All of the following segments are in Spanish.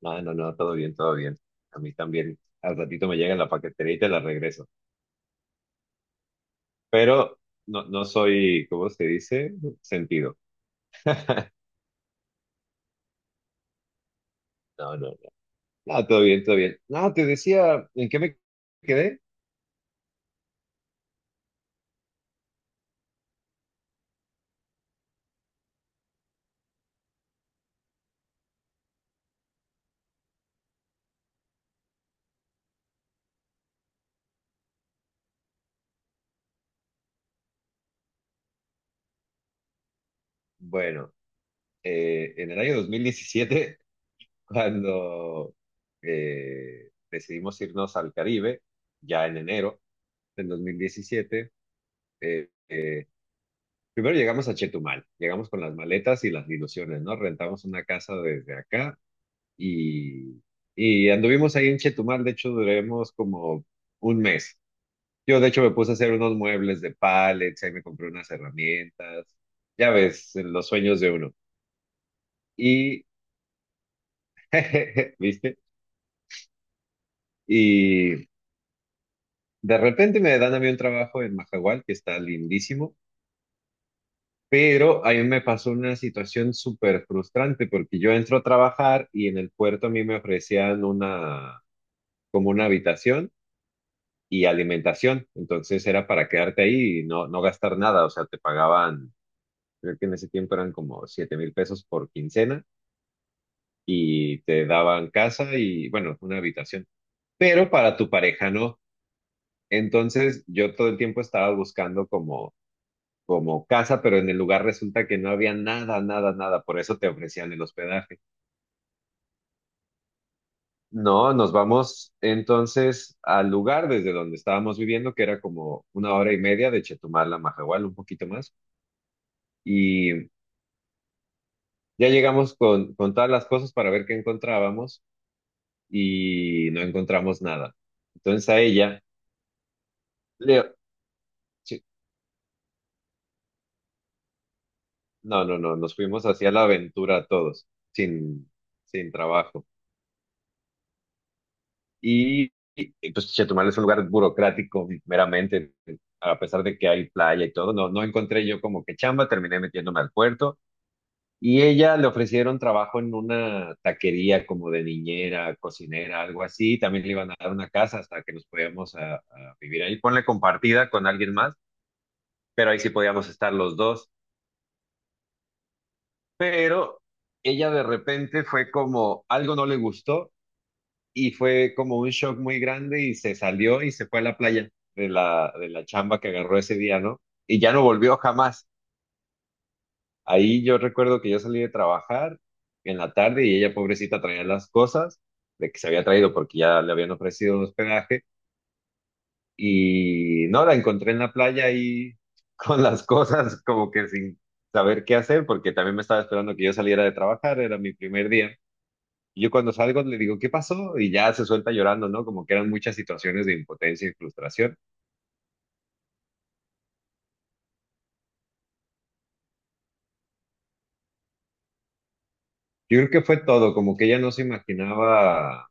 No, no, no, todo bien, todo bien. A mí también. Al ratito me llega la paquetería y te la regreso. Pero no, no soy, ¿cómo se dice? Sentido. No, no, no. No, todo bien, todo bien. No, te decía, ¿en qué me quedé? Bueno, en el año 2017 cuando decidimos irnos al Caribe, ya en enero del 2017. eh, eh, Primero llegamos a Chetumal, llegamos con las maletas y las ilusiones, ¿no? Rentamos una casa desde acá y, y anduvimos ahí en Chetumal. De hecho, duramos como un mes. Yo de hecho me puse a hacer unos muebles de pallets, ahí me compré unas herramientas, ya ves, los sueños de uno. Y, ¿viste? Y de repente me dan a mí un trabajo en Majahual, que está lindísimo, pero ahí me pasó una situación súper frustrante porque yo entro a trabajar y en el puerto a mí me ofrecían como una habitación y alimentación. Entonces era para quedarte ahí y no gastar nada. O sea, te pagaban, creo que en ese tiempo eran como 7,000 pesos por quincena y te daban casa y, bueno, una habitación. Pero para tu pareja no. Entonces yo todo el tiempo estaba buscando como casa, pero en el lugar resulta que no había nada, nada, nada. Por eso te ofrecían el hospedaje. No, nos vamos entonces al lugar desde donde estábamos viviendo, que era como una hora y media de Chetumal a Mahahual, un poquito más. Y Ya llegamos con todas las cosas para ver qué encontrábamos y no encontramos nada. Entonces a ella, Leo, sí, no, no, no, nos fuimos hacia la aventura todos, sin, sin trabajo. Pues Chetumal es un lugar burocrático meramente, a pesar de que hay playa y todo. No encontré yo como que chamba, terminé metiéndome al puerto. Y ella le ofrecieron trabajo en una taquería como de niñera, cocinera, algo así. También le iban a dar una casa hasta que nos podíamos a vivir ahí. Ponle compartida con alguien más, pero ahí sí podíamos estar los dos. Pero ella de repente fue como, algo no le gustó y fue como un shock muy grande y se salió y se fue a la playa de la chamba que agarró ese día, ¿no? Y ya no volvió jamás. Ahí yo recuerdo que yo salí de trabajar en la tarde y ella, pobrecita, traía las cosas de que se había traído porque ya le habían ofrecido un hospedaje y no, la encontré en la playa ahí con las cosas como que sin saber qué hacer, porque también me estaba esperando que yo saliera de trabajar, era mi primer día. Y yo cuando salgo le digo, ¿qué pasó? Y ya se suelta llorando, ¿no? Como que eran muchas situaciones de impotencia y frustración. Yo creo que fue todo, como que ella no se imaginaba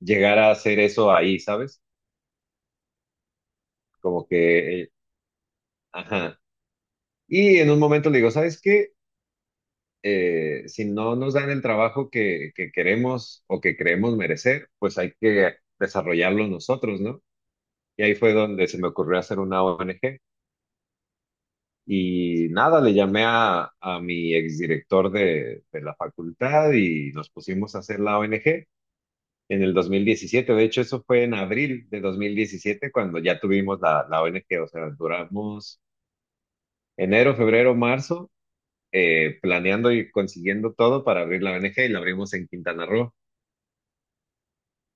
llegar a hacer eso ahí, ¿sabes? Como que... eh, Ajá. Y en un momento le digo, ¿sabes qué? Si no nos dan el trabajo que queremos o que creemos merecer, pues hay que desarrollarlo nosotros, ¿no? Y ahí fue donde se me ocurrió hacer una ONG. Y nada, le llamé a mi exdirector de la facultad y nos pusimos a hacer la ONG en el 2017. De hecho, eso fue en abril de 2017, cuando ya tuvimos la ONG. O sea, duramos enero, febrero, marzo, planeando y consiguiendo todo para abrir la ONG, y la abrimos en Quintana Roo.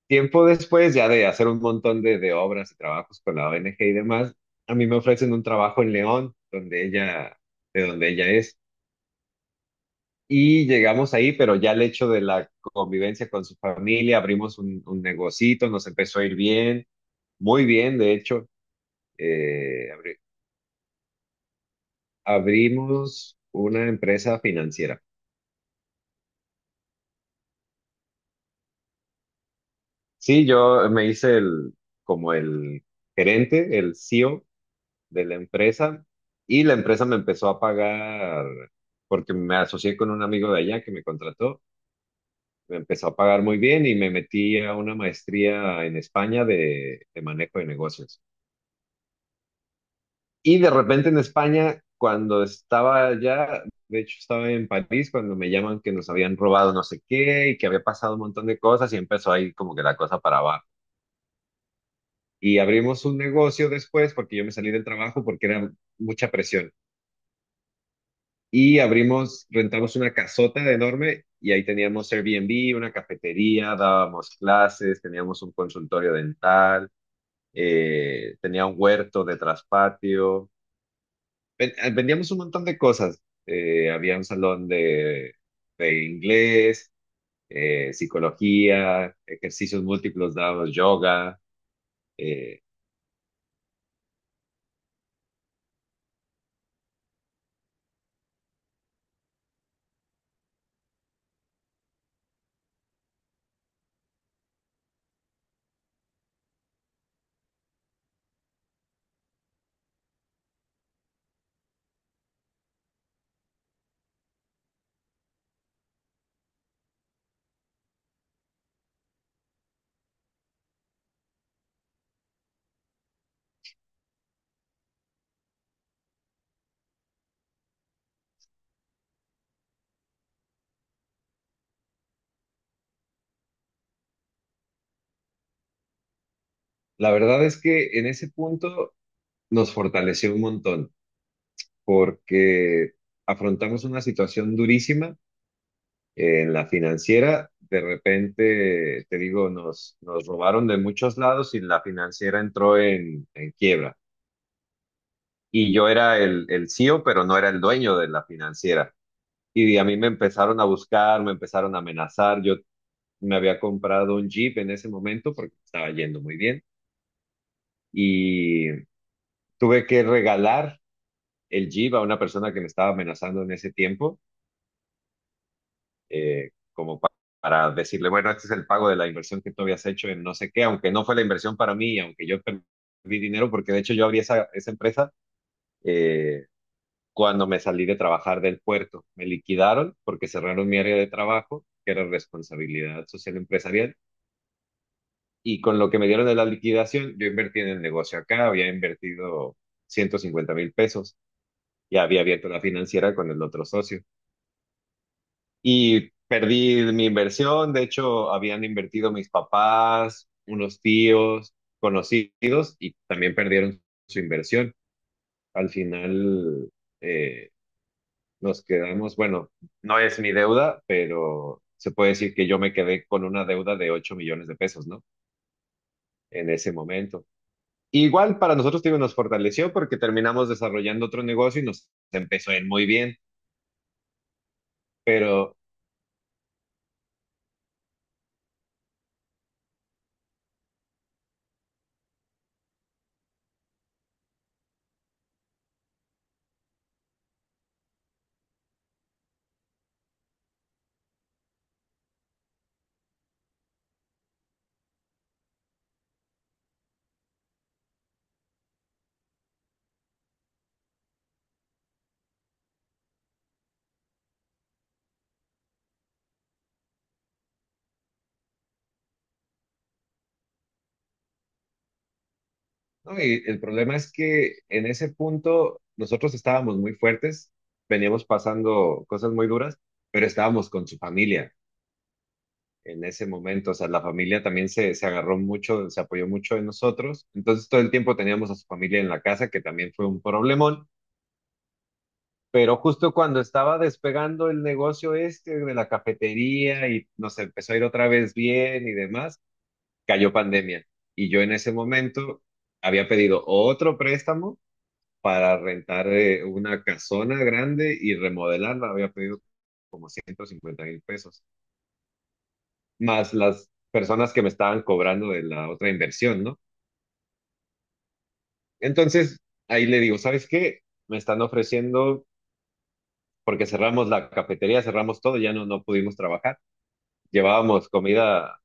Tiempo después, ya de hacer un montón de obras y trabajos con la ONG y demás, a mí me ofrecen un trabajo en León, donde ella, de donde ella es. Y llegamos ahí, pero ya el hecho de la convivencia con su familia, abrimos un negocito, nos empezó a ir bien, muy bien, de hecho. eh, abri- Abrimos una empresa financiera. Sí, yo me hice el, como el gerente, el CEO de la empresa, y la empresa me empezó a pagar, porque me asocié con un amigo de allá que me contrató, me empezó a pagar muy bien, y me metí a una maestría en España de, manejo de negocios. Y de repente en España, cuando estaba allá, de hecho estaba en París, cuando me llaman que nos habían robado no sé qué y que había pasado un montón de cosas, y empezó ahí como que la cosa para abajo. Y abrimos un negocio después, porque yo me salí del trabajo porque era mucha presión. Y rentamos una casota enorme, y ahí teníamos Airbnb, una cafetería, dábamos clases, teníamos un consultorio dental, tenía un huerto de traspatio, vendíamos un montón de cosas. Había un salón de inglés, psicología, ejercicios múltiplos, dábamos yoga. eh. La verdad es que en ese punto nos fortaleció un montón, porque afrontamos una situación durísima. En la financiera, de repente, te digo, nos robaron de muchos lados y la financiera entró en quiebra. Y yo era el CEO, pero no era el dueño de la financiera. Y a mí me empezaron a buscar, me empezaron a amenazar. Yo me había comprado un Jeep en ese momento porque estaba yendo muy bien. Y tuve que regalar el Jeep a una persona que me estaba amenazando en ese tiempo, como para decirle, bueno, este es el pago de la inversión que tú habías hecho en no sé qué, aunque no fue la inversión para mí, aunque yo perdí dinero, porque de hecho yo abrí esa empresa eh, cuando me salí de trabajar del puerto. Me liquidaron porque cerraron mi área de trabajo, que era responsabilidad social empresarial, y con lo que me dieron de la liquidación, yo invertí en el negocio acá, había invertido 150,000 pesos. Y había abierto la financiera con el otro socio. Y perdí mi inversión. De hecho, habían invertido mis papás, unos tíos, conocidos, y también perdieron su inversión. Al final, eh, nos quedamos, bueno, no es mi deuda, pero se puede decir que yo me quedé con una deuda de 8,000,000 pesos, ¿no? En ese momento. Igual para nosotros, digo, nos fortaleció porque terminamos desarrollando otro negocio y nos empezó a ir muy bien. Pero. No, y el problema es que en ese punto nosotros estábamos muy fuertes, veníamos pasando cosas muy duras, pero estábamos con su familia en ese momento. O sea, la familia también se agarró mucho, se apoyó mucho en nosotros. Entonces todo el tiempo teníamos a su familia en la casa, que también fue un problemón. Pero justo cuando estaba despegando el negocio este de la cafetería y nos empezó a ir otra vez bien y demás, cayó pandemia. Y yo en ese momento había pedido otro préstamo para rentar una casona grande y remodelarla. Había pedido 150 mil pesos, más las personas que me estaban cobrando de la otra inversión, ¿no? Entonces, ahí le digo, ¿sabes qué? Me están ofreciendo, porque cerramos la cafetería, cerramos todo, ya no pudimos trabajar. Llevábamos comida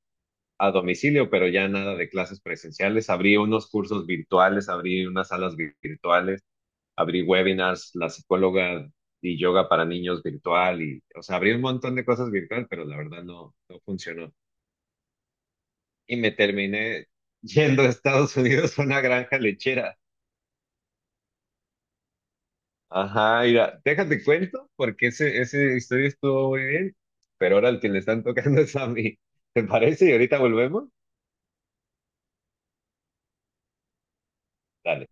a domicilio, pero ya nada de clases presenciales. Abrí unos cursos virtuales, abrí unas virtuales, abrí webinars, la psicóloga y yoga para niños virtual y, o sea, abrí un montón de cosas virtual, pero la verdad no funcionó. Y me terminé yendo a Estados Unidos a una granja lechera. Ajá, mira, déjate cuento, porque ese historia estuvo muy bien, pero ahora el que le están tocando es a mí. ¿Te parece? Y ahorita volvemos. Dale.